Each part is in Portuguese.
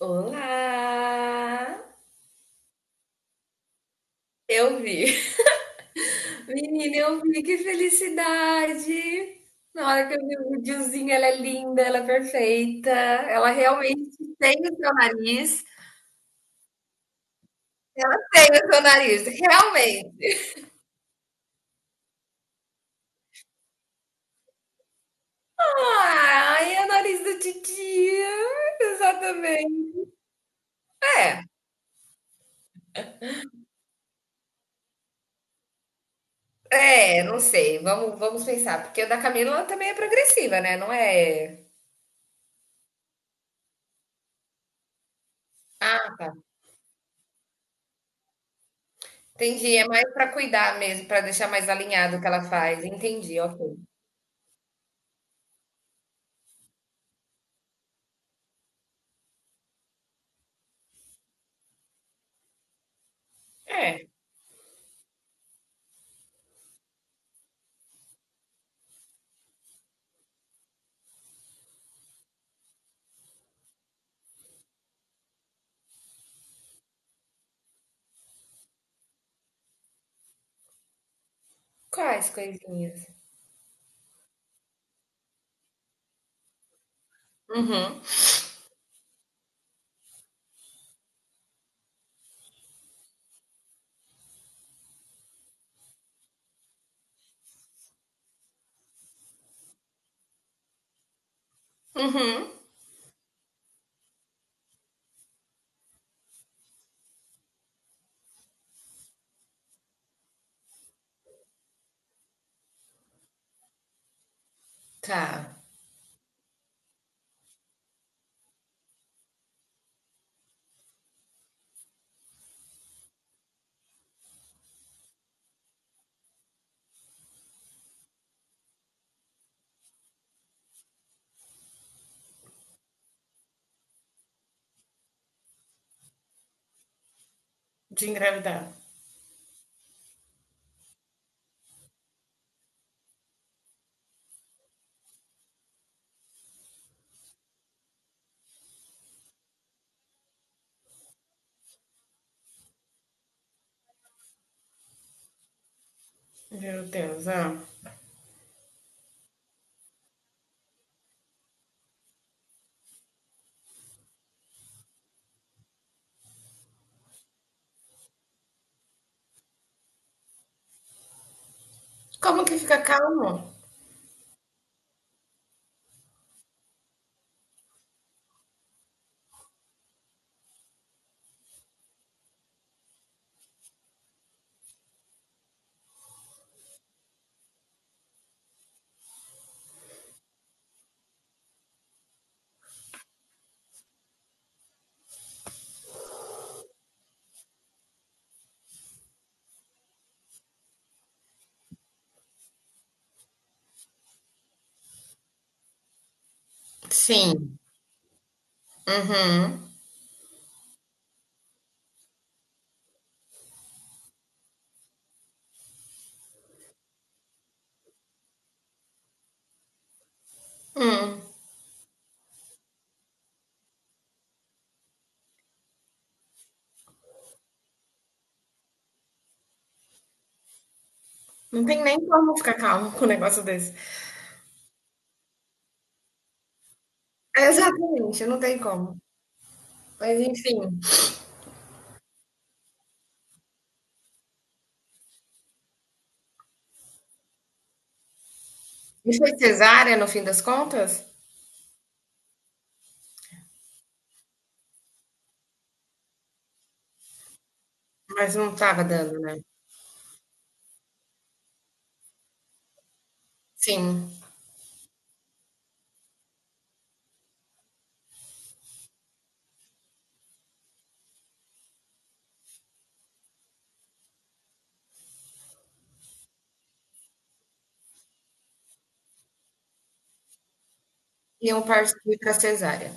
Olá! Eu vi. Menina, eu vi, que felicidade! Na hora que eu vi o videozinho, ela é linda, ela é perfeita. Ela realmente tem o seu nariz. Tem o seu nariz, realmente. Ai, é o nariz do titia. Exatamente. Não sei. Vamos pensar. Porque o da Camila ela também é progressiva, né? Não é. Ah, tá. Entendi. É mais pra cuidar mesmo, pra deixar mais alinhado o que ela faz. Entendi, ok. É. Quais coisinhas? Uhum, uhum. Tá. De engravidar. Meu Deus, ah. Como que fica calmo? Sim. Uhum. Hum. Não tem nem como ficar calmo com um negócio desse. Exatamente, não tem como. Mas enfim. E foi cesárea no fim das contas? Mas não estava dando, né? Sim. Iam partir pra cesárea.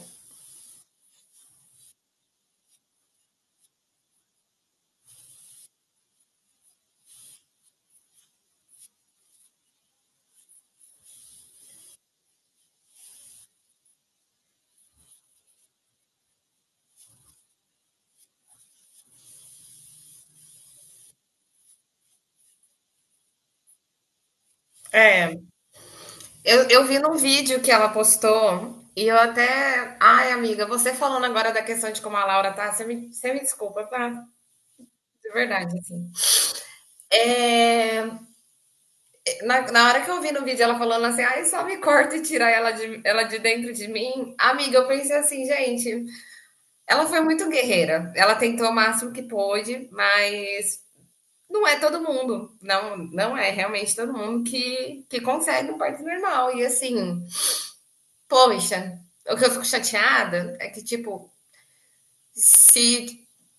É. Eu vi num vídeo que ela postou e eu até. Ai, amiga, você falando agora da questão de como a Laura tá, você me desculpa, tá? De verdade, assim. É, na hora que eu vi no vídeo ela falando assim, ai, só me corta e tira ela de dentro de mim, amiga, eu pensei assim, gente, ela foi muito guerreira. Ela tentou o máximo que pôde, mas não é todo mundo. Não, não é realmente todo mundo que consegue um parto normal. E assim, poxa, o que eu fico chateada é que, tipo, se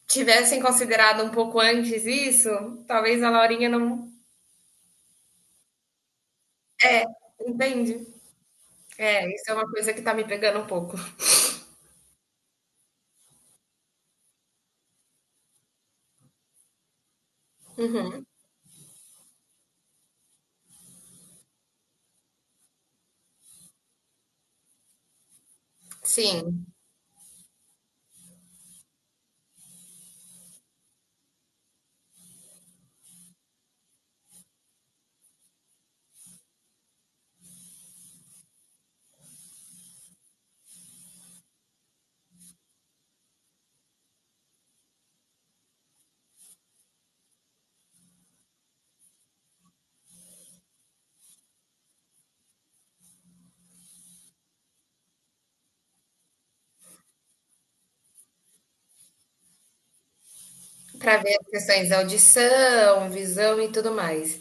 tivessem considerado um pouco antes isso, talvez a Laurinha não entende. É, isso é uma coisa que tá me pegando um pouco. Uhum. Sim, pra ver as questões da audição, visão e tudo mais.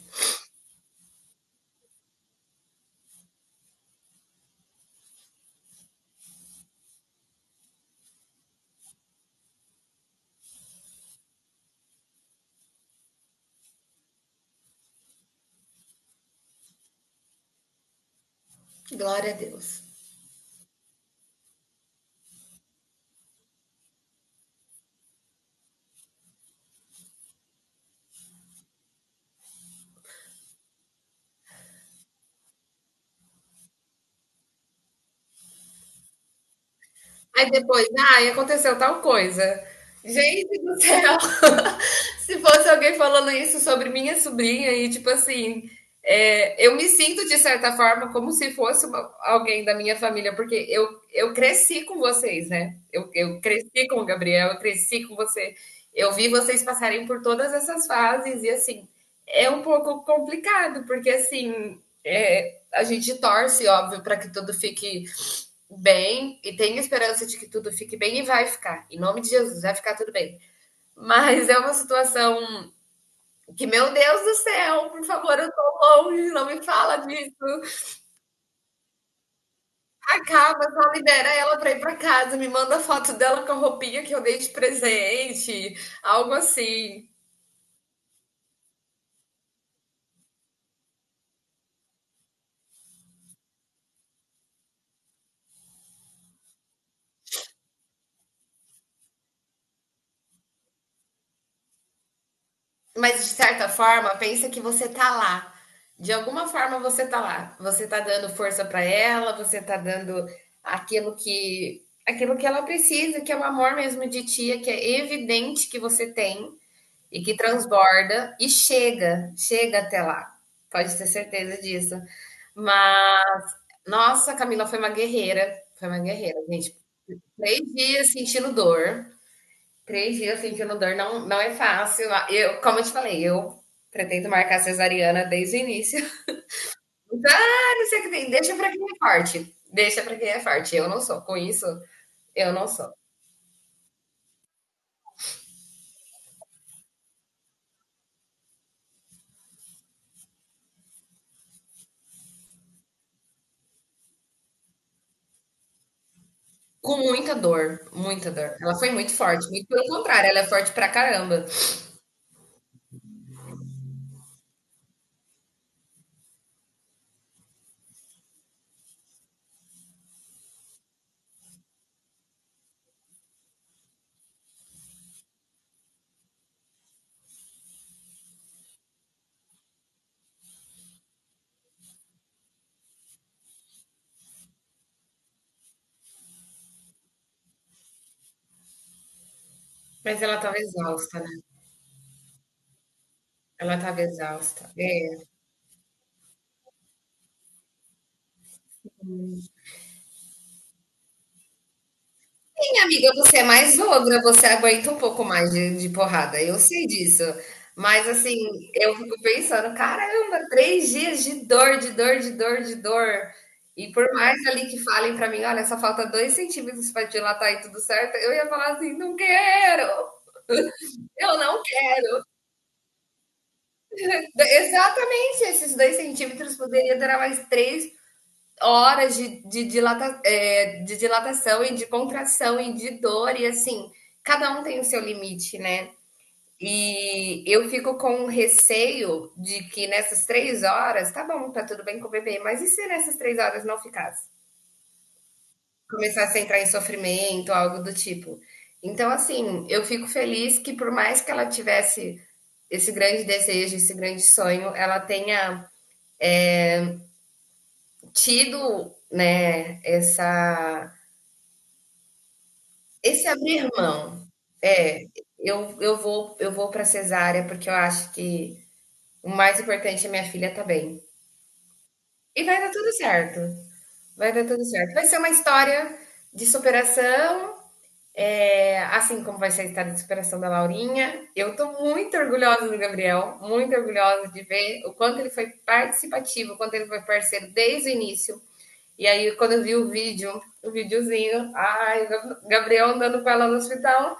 Glória a Deus. Aí depois, ai, aconteceu tal coisa. Gente do céu! Se fosse alguém falando isso sobre minha sobrinha e tipo assim, é, eu me sinto de certa forma como se fosse uma- alguém da minha família, porque eu cresci com vocês, né? Eu cresci com o Gabriel, eu cresci com você. Eu vi vocês passarem por todas essas fases e assim, é um pouco complicado, porque assim, é, a gente torce, óbvio, para que tudo fique bem e tenho esperança de que tudo fique bem e vai ficar. Em nome de Jesus, vai ficar tudo bem. Mas é uma situação que, meu Deus do céu, por favor, eu tô longe, não me fala disso. Acaba, só libera ela pra ir pra casa, me manda foto dela com a roupinha que eu dei de presente, algo assim. Mas de certa forma, pensa que você tá lá. De alguma forma você tá lá. Você tá dando força para ela, você tá dando aquilo que ela precisa, que é o amor mesmo de tia, que é evidente que você tem e que transborda e chega, chega até lá. Pode ter certeza disso. Mas nossa, a Camila foi uma guerreira, gente. Três dias sentindo dor, três dias sentindo dor não, não é fácil. Ah, eu, como eu te falei, eu pretendo marcar cesariana desde o início. Então, ah, não sei o que tem. Deixa pra quem é forte. Deixa pra quem é forte. Eu não sou. Com isso, eu não sou. Com muita dor, muita dor. Ela foi muito forte. Muito pelo contrário, ela é forte pra caramba. Mas ela tava exausta, né? Ela tava exausta. É, sim, amiga, você é mais ogra, você aguenta um pouco mais de porrada, eu sei disso. Mas assim, eu fico pensando, caramba, três dias de dor, de dor, de dor, de dor. E por mais ali que falem pra mim, olha, só falta dois centímetros pra dilatar e tudo certo, eu ia falar assim, não quero, eu não quero. Exatamente, esses dois centímetros poderia durar mais três horas dilata, é, de dilatação e de contração e de dor, e assim, cada um tem o seu limite, né? E eu fico com receio de que nessas três horas, tá bom, tá tudo bem com o bebê, mas e se nessas três horas não ficasse? Começasse a entrar em sofrimento, algo do tipo. Então, assim, eu fico feliz que por mais que ela tivesse esse grande desejo, esse grande sonho, ela tenha tido, né, essa, esse abrir mão. É, eu vou para cesárea porque eu acho que o mais importante é minha filha tá bem. E vai dar tudo certo. Vai dar tudo certo. Vai ser uma história de superação, é, assim como vai ser a história de superação da Laurinha. Eu estou muito orgulhosa do Gabriel, muito orgulhosa de ver o quanto ele foi participativo, o quanto ele foi parceiro desde o início. E aí, quando eu vi o vídeo, o videozinho, ai, Gabriel andando com ela no hospital.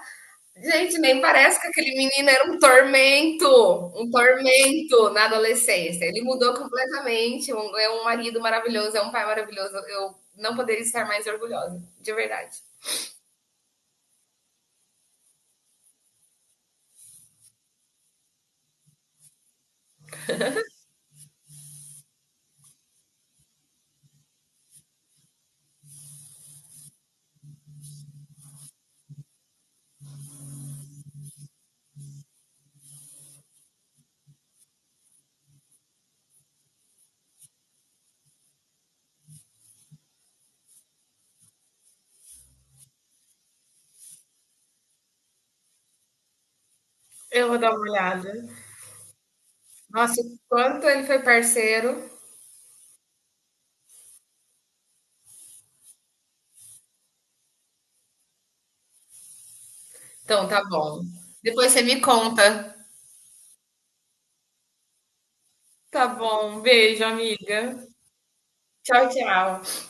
Gente, nem parece que aquele menino era um tormento na adolescência. Ele mudou completamente, é um marido maravilhoso, é um pai maravilhoso. Eu não poderia estar mais orgulhosa, de verdade. Eu vou dar uma olhada. Nossa, o quanto ele foi parceiro. Então, tá bom. Depois você me conta. Tá bom, beijo, amiga. Tchau, tchau.